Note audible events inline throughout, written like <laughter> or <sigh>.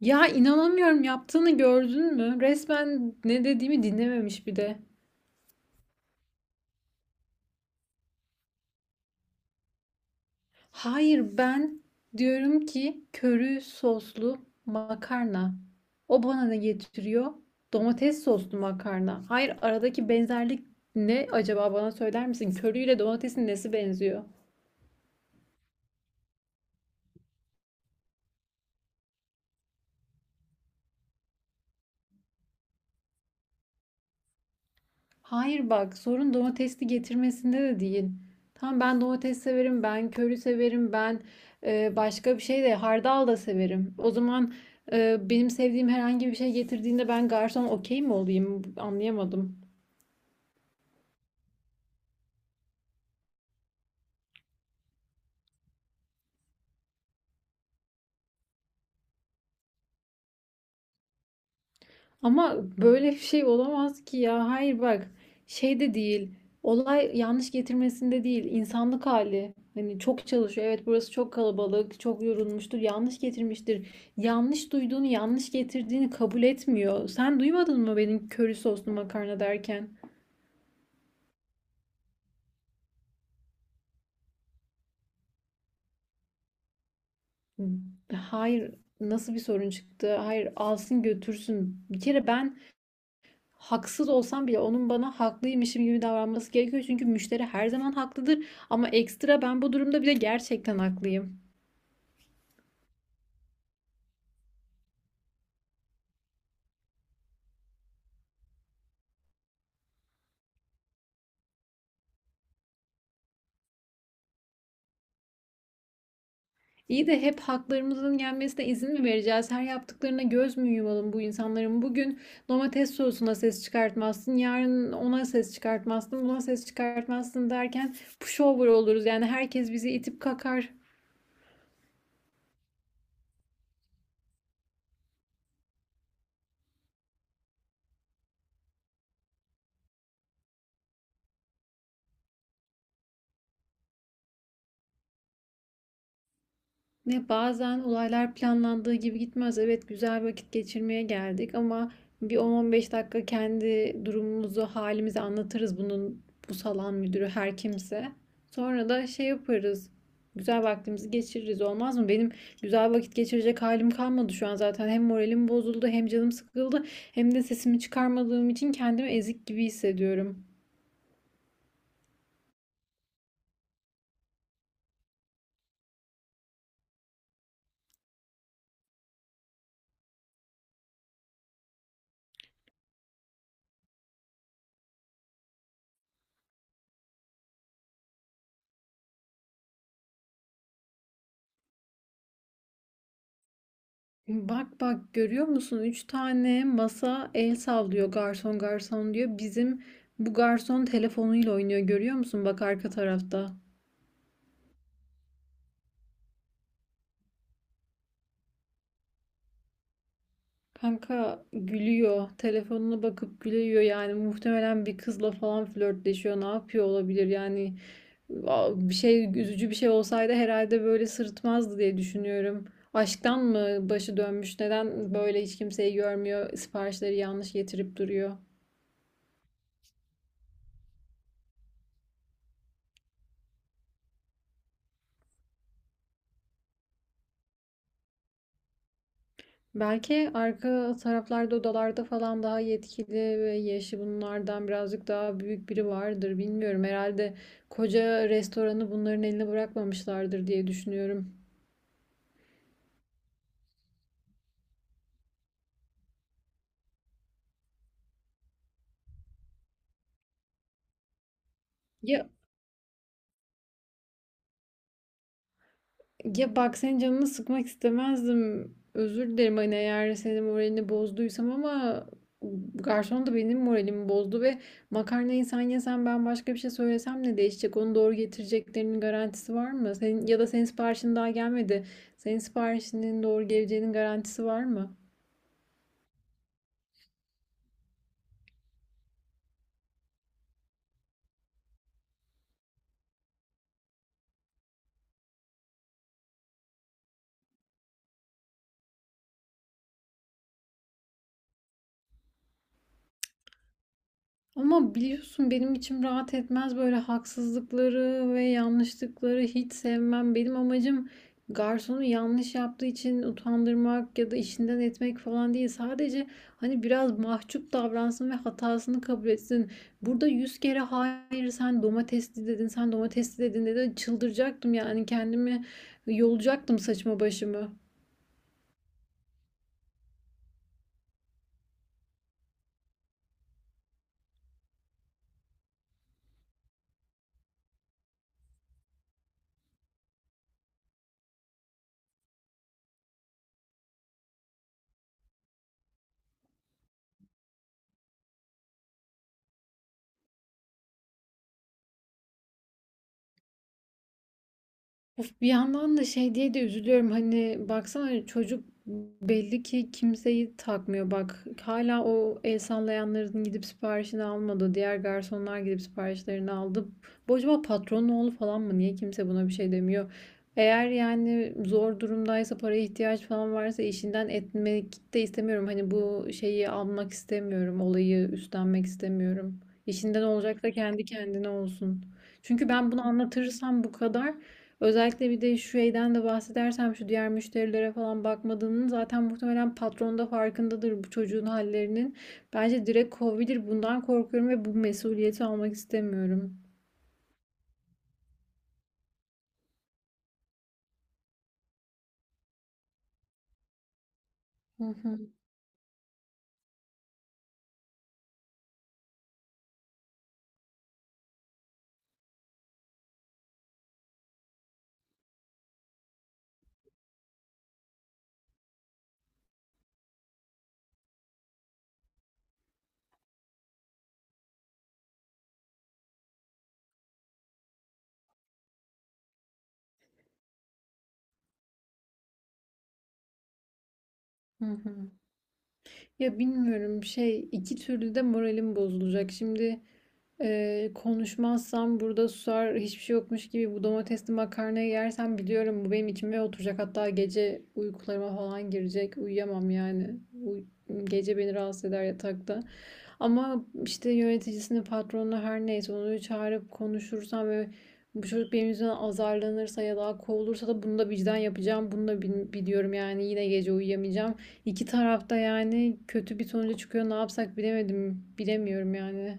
Ya inanamıyorum yaptığını gördün mü? Resmen ne dediğimi dinlememiş bir de. Hayır ben diyorum ki köri soslu makarna. O bana ne getiriyor? Domates soslu makarna. Hayır aradaki benzerlik ne acaba bana söyler misin? Köriyle domatesin nesi benziyor? Hayır bak sorun domatesli getirmesinde de değil. Tamam ben domates severim, ben köri severim, ben başka bir şey de hardal da severim. O zaman benim sevdiğim herhangi bir şey getirdiğinde ben garson okey mi olayım? Anlayamadım. Ama böyle bir şey olamaz ki ya. Hayır bak şey de değil. Olay yanlış getirmesinde değil. İnsanlık hali. Hani çok çalışıyor. Evet burası çok kalabalık, çok yorulmuştur. Yanlış getirmiştir. Yanlış duyduğunu, yanlış getirdiğini kabul etmiyor. Sen duymadın mı benim köri soslu makarna derken? Hayır, nasıl bir sorun çıktı? Hayır, alsın götürsün. Bir kere ben haksız olsam bile onun bana haklıymışım gibi davranması gerekiyor. Çünkü müşteri her zaman haklıdır ama ekstra ben bu durumda bile gerçekten haklıyım. İyi de hep haklarımızın gelmesine izin mi vereceğiz? Her yaptıklarına göz mü yumalım bu insanların? Bugün domates sosuna ses çıkartmazsın, yarın ona ses çıkartmazsın, buna ses çıkartmazsın derken pushover oluruz. Yani herkes bizi itip kakar. Ne bazen olaylar planlandığı gibi gitmez. Evet güzel vakit geçirmeye geldik ama bir 10-15 dakika kendi durumumuzu, halimizi anlatırız bunun bu salon müdürü her kimse. Sonra da şey yaparız. Güzel vaktimizi geçiririz olmaz mı? Benim güzel vakit geçirecek halim kalmadı şu an zaten. Hem moralim bozuldu, hem canım sıkıldı, hem de sesimi çıkarmadığım için kendimi ezik gibi hissediyorum. Bak bak görüyor musun? 3 tane masa el sallıyor garson garson diyor. Bizim bu garson telefonuyla oynuyor görüyor musun? Bak arka tarafta. Kanka gülüyor. Telefonuna bakıp gülüyor yani. Muhtemelen bir kızla falan flörtleşiyor. Ne yapıyor olabilir yani? Bir şey üzücü bir şey olsaydı herhalde böyle sırıtmazdı diye düşünüyorum. Aşktan mı başı dönmüş? Neden böyle hiç kimseyi görmüyor? Siparişleri yanlış getirip duruyor. Belki arka taraflarda odalarda falan daha yetkili ve yaşı bunlardan birazcık daha büyük biri vardır. Bilmiyorum. Herhalde koca restoranı bunların eline bırakmamışlardır diye düşünüyorum. Ya Ya bak senin canını sıkmak istemezdim. Özür dilerim hani eğer senin moralini bozduysam ama garson da benim moralimi bozdu ve makarnayı sen yesen ben başka bir şey söylesem ne değişecek? Onu doğru getireceklerinin garantisi var mı? Senin, ya da senin siparişin daha gelmedi. Senin siparişinin doğru geleceğinin garantisi var mı? Ama biliyorsun benim içim rahat etmez böyle haksızlıkları ve yanlışlıkları hiç sevmem. Benim amacım garsonu yanlış yaptığı için utandırmak ya da işinden etmek falan değil. Sadece hani biraz mahcup davransın ve hatasını kabul etsin. Burada 100 kere hayır sen domatesli dedin, sen domatesli dedin dedi. Çıldıracaktım yani kendimi yolacaktım saçma başımı. Of bir yandan da şey diye de üzülüyorum. Hani baksana hani çocuk belli ki kimseyi takmıyor. Bak hala o el sallayanların gidip siparişini almadı. Diğer garsonlar gidip siparişlerini aldı. Bu acaba patronun oğlu falan mı? Niye kimse buna bir şey demiyor? Eğer yani zor durumdaysa paraya ihtiyaç falan varsa işinden etmek de istemiyorum. Hani bu şeyi almak istemiyorum. Olayı üstlenmek istemiyorum. İşinden olacak da kendi kendine olsun. Çünkü ben bunu anlatırsam bu kadar özellikle bir de şu şeyden de bahsedersem şu diğer müşterilere falan bakmadığının zaten muhtemelen patron da farkındadır bu çocuğun hallerinin. Bence direkt kovabilir. Bundan korkuyorum ve bu mesuliyeti almak istemiyorum. Hı hı, hı hı. Ya bilmiyorum şey iki türlü de moralim bozulacak. Şimdi konuşmazsam burada susar hiçbir şey yokmuş gibi bu domatesli makarnayı yersem biliyorum bu benim içime oturacak. Hatta gece uykularıma falan girecek. Uyuyamam yani. Uy- gece beni rahatsız eder yatakta. Ama işte yöneticisini, patronu her neyse onu çağırıp konuşursam ve bu çocuk benim yüzümden azarlanırsa ya da kovulursa da bunu da vicdan yapacağım. Bunu da biliyorum yani yine gece uyuyamayacağım. İki tarafta yani kötü bir sonuca çıkıyor. Ne yapsak bilemedim. Bilemiyorum yani.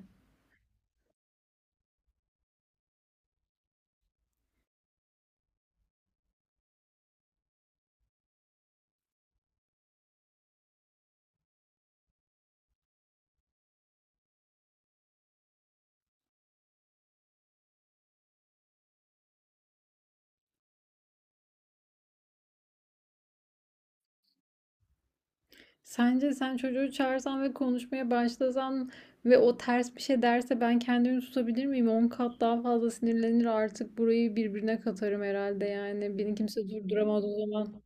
Sence sen çocuğu çağırsan ve konuşmaya başlasan ve o ters bir şey derse ben kendimi tutabilir miyim? On kat daha fazla sinirlenir artık burayı birbirine katarım herhalde yani. Beni kimse durduramaz o zaman.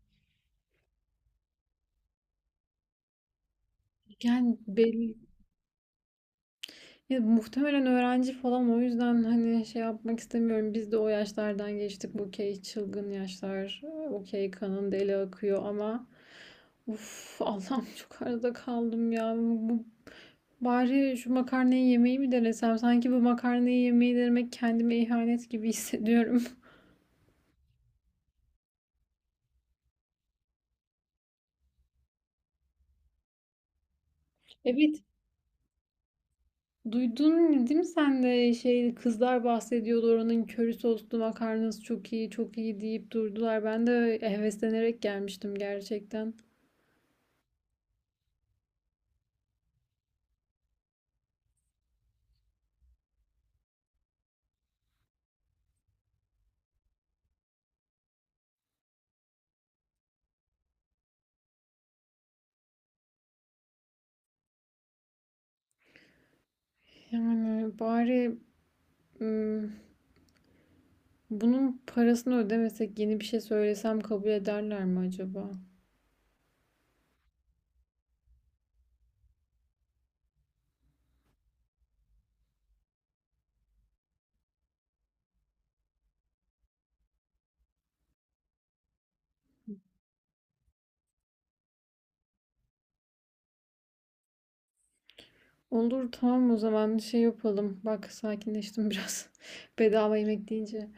Yani belli. Ya muhtemelen öğrenci falan o yüzden hani şey yapmak istemiyorum. Biz de o yaşlardan geçtik. Bu okey çılgın yaşlar. Okey kanın deli akıyor ama uf Allah'ım çok arada kaldım ya. Bari şu makarnayı yemeyi mi denesem? Sanki bu makarnayı yemeyi denemek kendime ihanet gibi hissediyorum. <laughs> Evet duydun değil mi sen de şey kızlar bahsediyordu oranın köri soslu makarnası çok iyi çok iyi deyip durdular. Ben de heveslenerek gelmiştim gerçekten. Yani bari ım, bunun parasını ödemesek yeni bir şey söylesem kabul ederler mi acaba? Olur tamam o zaman şey yapalım. Bak sakinleştim biraz. <laughs> Bedava yemek deyince.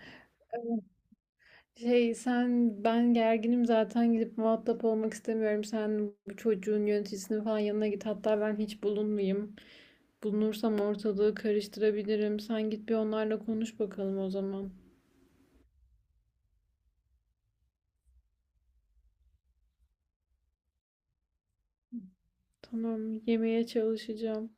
Şey sen ben gerginim zaten gidip muhatap olmak istemiyorum. Sen bu çocuğun yöneticisinin falan yanına git. Hatta ben hiç bulunmayayım. Bulunursam ortalığı karıştırabilirim. Sen git bir onlarla konuş bakalım o zaman. Tamam yemeye çalışacağım.